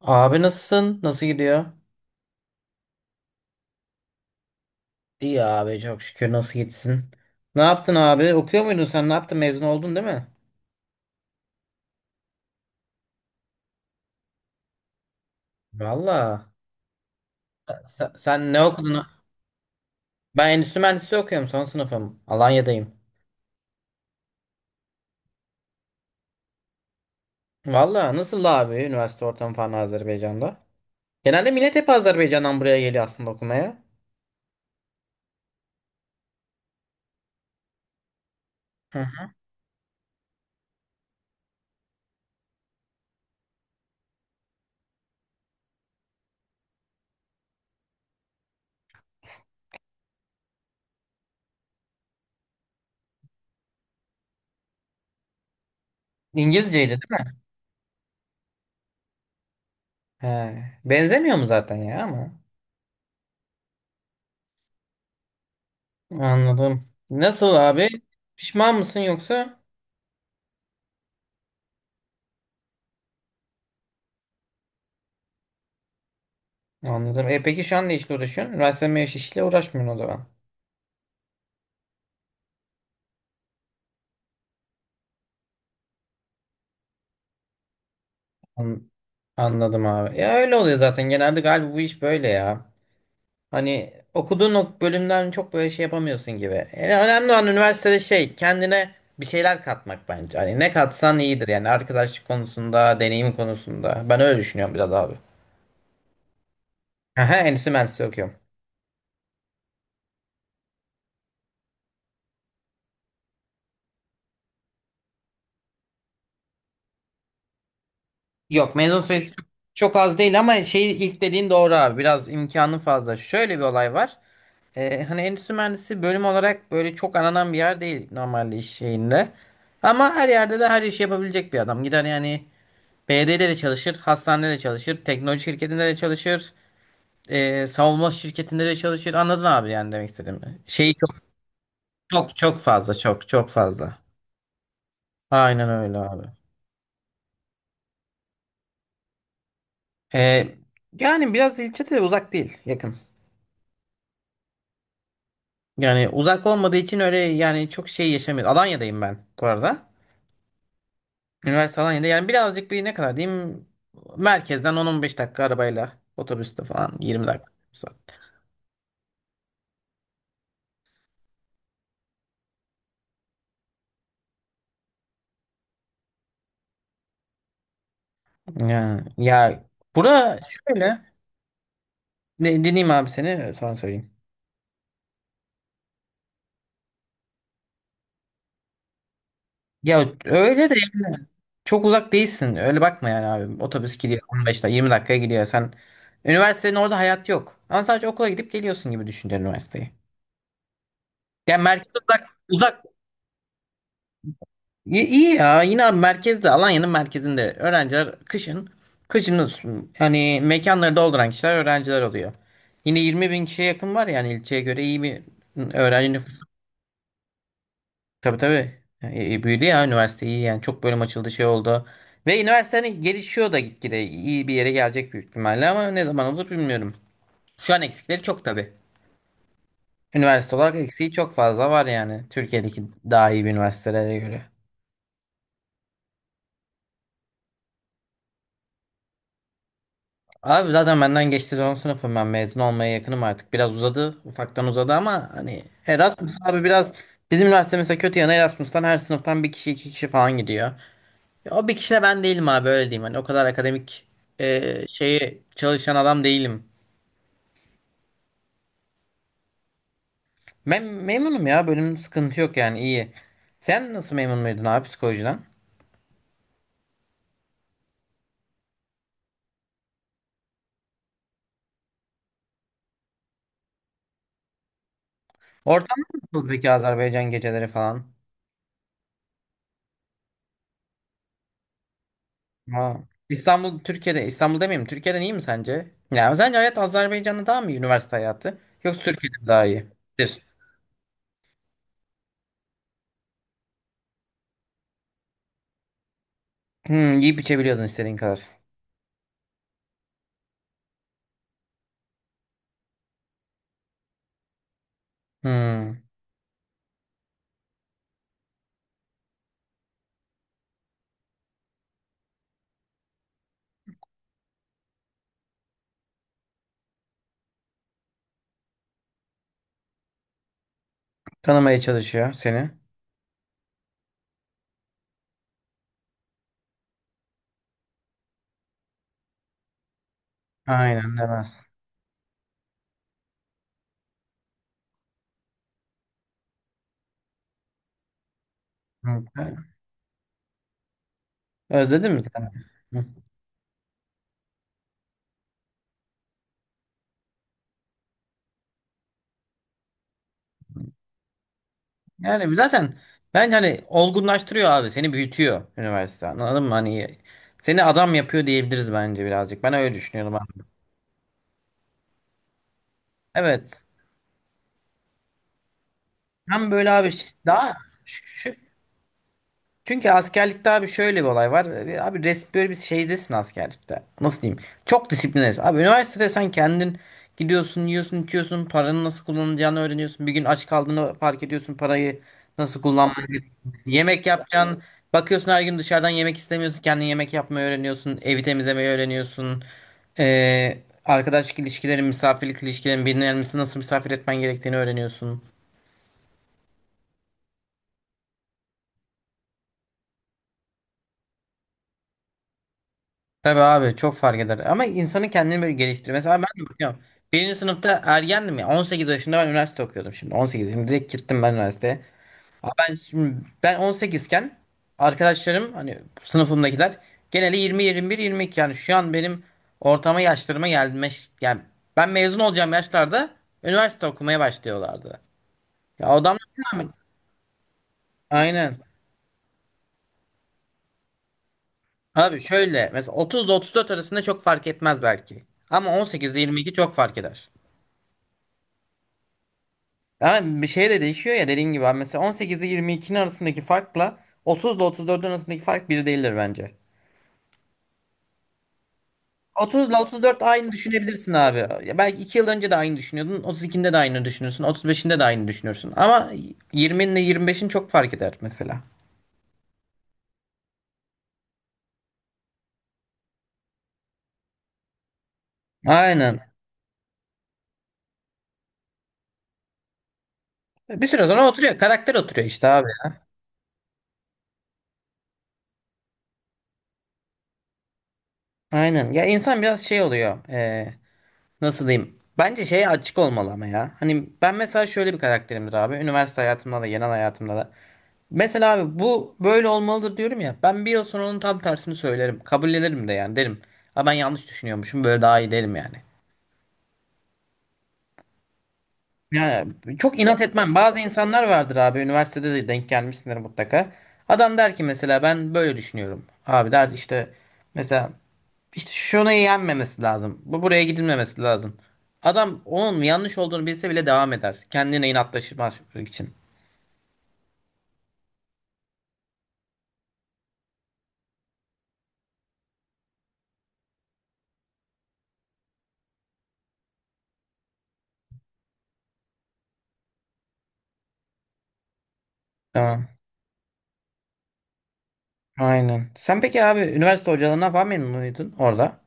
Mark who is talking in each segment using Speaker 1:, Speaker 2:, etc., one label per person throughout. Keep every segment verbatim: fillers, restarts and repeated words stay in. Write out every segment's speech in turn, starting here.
Speaker 1: Abi nasılsın? Nasıl gidiyor? İyi abi çok şükür nasıl gitsin? Ne yaptın abi? Okuyor muydun sen? Ne yaptın? Mezun oldun değil mi? Valla. Sen, sen ne okudun? Ben endüstri mühendisliği okuyorum. Son sınıfım. Alanya'dayım. Valla nasıl abi üniversite ortamı falan Azerbaycan'da? Genelde millet hep Azerbaycan'dan buraya geliyor aslında okumaya. Hı hı. İngilizceydi değil mi? He. Benzemiyor mu zaten ya ama? Anladım. Nasıl abi? Pişman mısın yoksa? Anladım. E peki şu an ne işle uğraşıyorsun? Üniversite mezunu işle uğraşmıyorsun o zaman. An- Anladım abi. Ya öyle oluyor zaten. Genelde galiba bu iş böyle ya. Hani okuduğun o bölümden çok böyle şey yapamıyorsun gibi. Yani önemli olan üniversitede şey kendine bir şeyler katmak bence. Hani ne katsan iyidir yani arkadaşlık konusunda, deneyim konusunda. Ben öyle düşünüyorum biraz abi. Aha, endüstri mühendisliği okuyorum. Yok mezun sayısı çok az değil ama şey ilk dediğin doğru abi. Biraz imkanı fazla. Şöyle bir olay var. Ee, hani endüstri mühendisi bölüm olarak böyle çok aranan bir yer değil normalde iş şeyinde. Ama her yerde de her işi yapabilecek bir adam. Gider yani B D'de de çalışır, hastanede de çalışır, teknoloji şirketinde de çalışır, ee, savunma şirketinde de çalışır. Anladın abi yani demek istediğimi. Şeyi çok çok çok fazla, çok çok fazla. Aynen öyle abi. Ee, yani biraz ilçe de uzak değil, yakın. Yani uzak olmadığı için öyle yani çok şey yaşamıyorum. Alanya'dayım ben bu arada. Üniversite Alanya'da. Yani birazcık bir ne kadar diyeyim merkezden on on beş dakika arabayla otobüste falan yirmi dakika. Yani ya bura şöyle ne, dinleyeyim abi seni sonra söyleyeyim. Ya öyle de yani çok uzak değilsin. Öyle bakma yani abi. Otobüs gidiyor on beş dakika yirmi dakikaya gidiyor. Sen üniversitenin orada hayat yok. Ama sadece okula gidip geliyorsun gibi düşünce üniversiteyi. Yani merkez uzak, uzak. İyi, iyi ya yine abi merkezde Alanya'nın merkezinde öğrenciler kışın kışın hani mekanları dolduran kişiler öğrenciler oluyor. Yine 20 bin kişiye yakın var yani ilçeye göre iyi bir öğrenci nüfusu. Tabii tabii. E, büyüdü ya üniversite iyi yani çok bölüm açıldı şey oldu. Ve üniversite hani gelişiyor da gitgide iyi bir yere gelecek büyük ihtimalle ama ne zaman olur bilmiyorum. Şu an eksikleri çok tabii. Üniversite olarak eksiği çok fazla var yani Türkiye'deki daha iyi bir üniversitelere göre. Abi zaten benden geçti son sınıfım ben mezun olmaya yakınım artık. Biraz uzadı. Ufaktan uzadı ama hani Erasmus abi biraz bizim üniversite mesela kötü yanı Erasmus'tan her sınıftan bir kişi iki kişi falan gidiyor. Ya o bir kişi de ben değilim abi öyle diyeyim. Hani o kadar akademik e, şeyi çalışan adam değilim. Ben memnunum ya bölüm sıkıntı yok yani iyi. Sen nasıl memnun muydun abi psikolojiden? Ortam nasıl peki Azerbaycan geceleri falan? Ha. İstanbul Türkiye'de İstanbul demeyeyim Türkiye'den iyi mi sence? Yani sence hayat Azerbaycan'da daha mı iyi üniversite hayatı? Yoksa Türkiye'de mi daha iyi? Bir. Hmm, yiyip içebiliyordun istediğin kadar. Hmm, tanımaya çalışıyor seni. Aynen demez. Hı. Özledin mi sen? Hı. Yani zaten bence hani olgunlaştırıyor abi seni büyütüyor üniversite anladın mı? Hani seni adam yapıyor diyebiliriz bence birazcık. Ben öyle düşünüyorum abi. Evet. Hem böyle abi ş- daha şu. Çünkü askerlikte abi şöyle bir olay var. E, abi res böyle bir şeydesin askerlikte. Nasıl diyeyim? Çok disiplinlisin. Abi üniversitede sen kendin gidiyorsun, yiyorsun, içiyorsun, paranın nasıl kullanılacağını öğreniyorsun. Bir gün aç kaldığını fark ediyorsun, parayı nasıl kullanmayı. Yemek yapacaksın. Bakıyorsun her gün dışarıdan yemek istemiyorsun. Kendin yemek yapmayı öğreniyorsun. Evi temizlemeyi öğreniyorsun. E, arkadaş ilişkilerin, misafirlik ilişkilerin, birini nasıl misafir etmen gerektiğini öğreniyorsun. Tabii abi çok fark eder. Ama insanın kendini böyle geliştirir. Mesela ben de bakıyorum. Birinci sınıfta ergendim ya. on sekiz yaşında ben üniversite okuyordum şimdi. on sekiz. Şimdi direkt gittim ben üniversiteye. Ama ben şimdi ben on sekiz iken arkadaşlarım hani sınıfımdakiler geneli yirmi yirmi bir yirmi iki yani şu an benim ortama yaşlarıma gelmiş. Yani ben mezun olacağım yaşlarda üniversite okumaya başlıyorlardı. Ya adamlar aynen. Abi şöyle mesela otuz ile otuz dört arasında çok fark etmez belki. Ama on sekiz ile yirmi iki çok fark eder. Ama bir şey de değişiyor ya dediğin gibi. Abi. Mesela on sekiz ile yirmi ikinin arasındaki farkla otuz ile otuz dördün arasındaki fark bir değildir bence. otuz ile otuz dört aynı düşünebilirsin abi. Ya belki iki yıl önce de aynı düşünüyordun. otuz ikinde de aynı düşünürsün. otuz beşinde de aynı düşünürsün. Ama yirminin ile yirmi beşin çok fark eder mesela. Aynen. Bir süre sonra oturuyor. Karakter oturuyor işte abi. Aynen. Ya insan biraz şey oluyor. eee, nasıl diyeyim? Bence şeye açık olmalı ama ya. Hani ben mesela şöyle bir karakterimdir abi. Üniversite hayatımda da, genel hayatımda da. Mesela abi bu böyle olmalıdır diyorum ya. Ben bir yıl sonra onun tam tersini söylerim. Kabul ederim de yani derim. Ha ben yanlış düşünüyormuşum böyle daha iyi derim yani. Yani çok inat etmem. Bazı insanlar vardır abi üniversitede de denk gelmişsindir mutlaka. Adam der ki mesela ben böyle düşünüyorum. Abi der işte mesela işte şunu yenmemesi lazım. Bu buraya gidilmemesi lazım. Adam onun yanlış olduğunu bilse bile devam eder. Kendine inatlaşmak için. Tamam. Aynen. Sen peki abi üniversite hocalarından falan memnun muydun orada?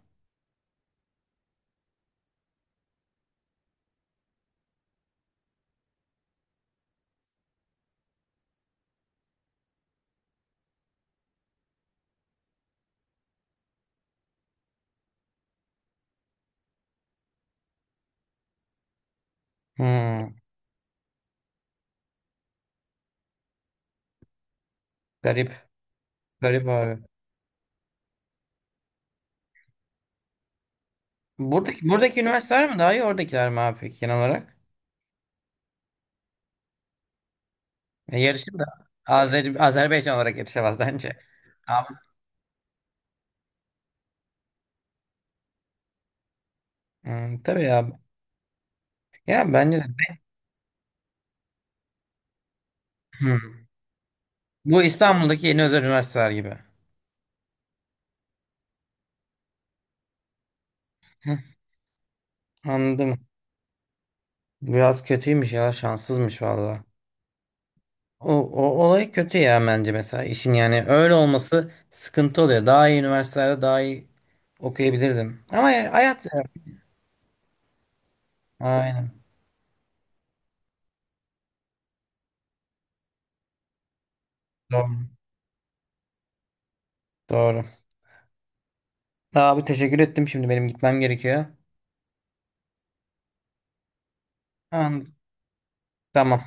Speaker 1: Hmm. Garip. Garip abi. Buradaki, buradaki üniversiteler mi daha iyi oradakiler mi abi peki genel olarak? E, yarışır da Azer- Azerbaycan olarak yarışamaz bence. Abi. Hmm, tabii ya. Ya bence de. Hmm. Bu İstanbul'daki yeni özel üniversiteler gibi. Hı, anladım. Biraz kötüymüş ya şanssızmış valla. O, o olay kötü ya bence mesela işin yani öyle olması sıkıntı oluyor. Daha iyi üniversitelerde daha iyi okuyabilirdim. Ama ya- hayat ya. Aynen. Doğru. Doğru. Daha abi teşekkür ettim. Şimdi benim gitmem gerekiyor. Tamam. Tamam.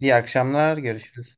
Speaker 1: İyi akşamlar. Görüşürüz.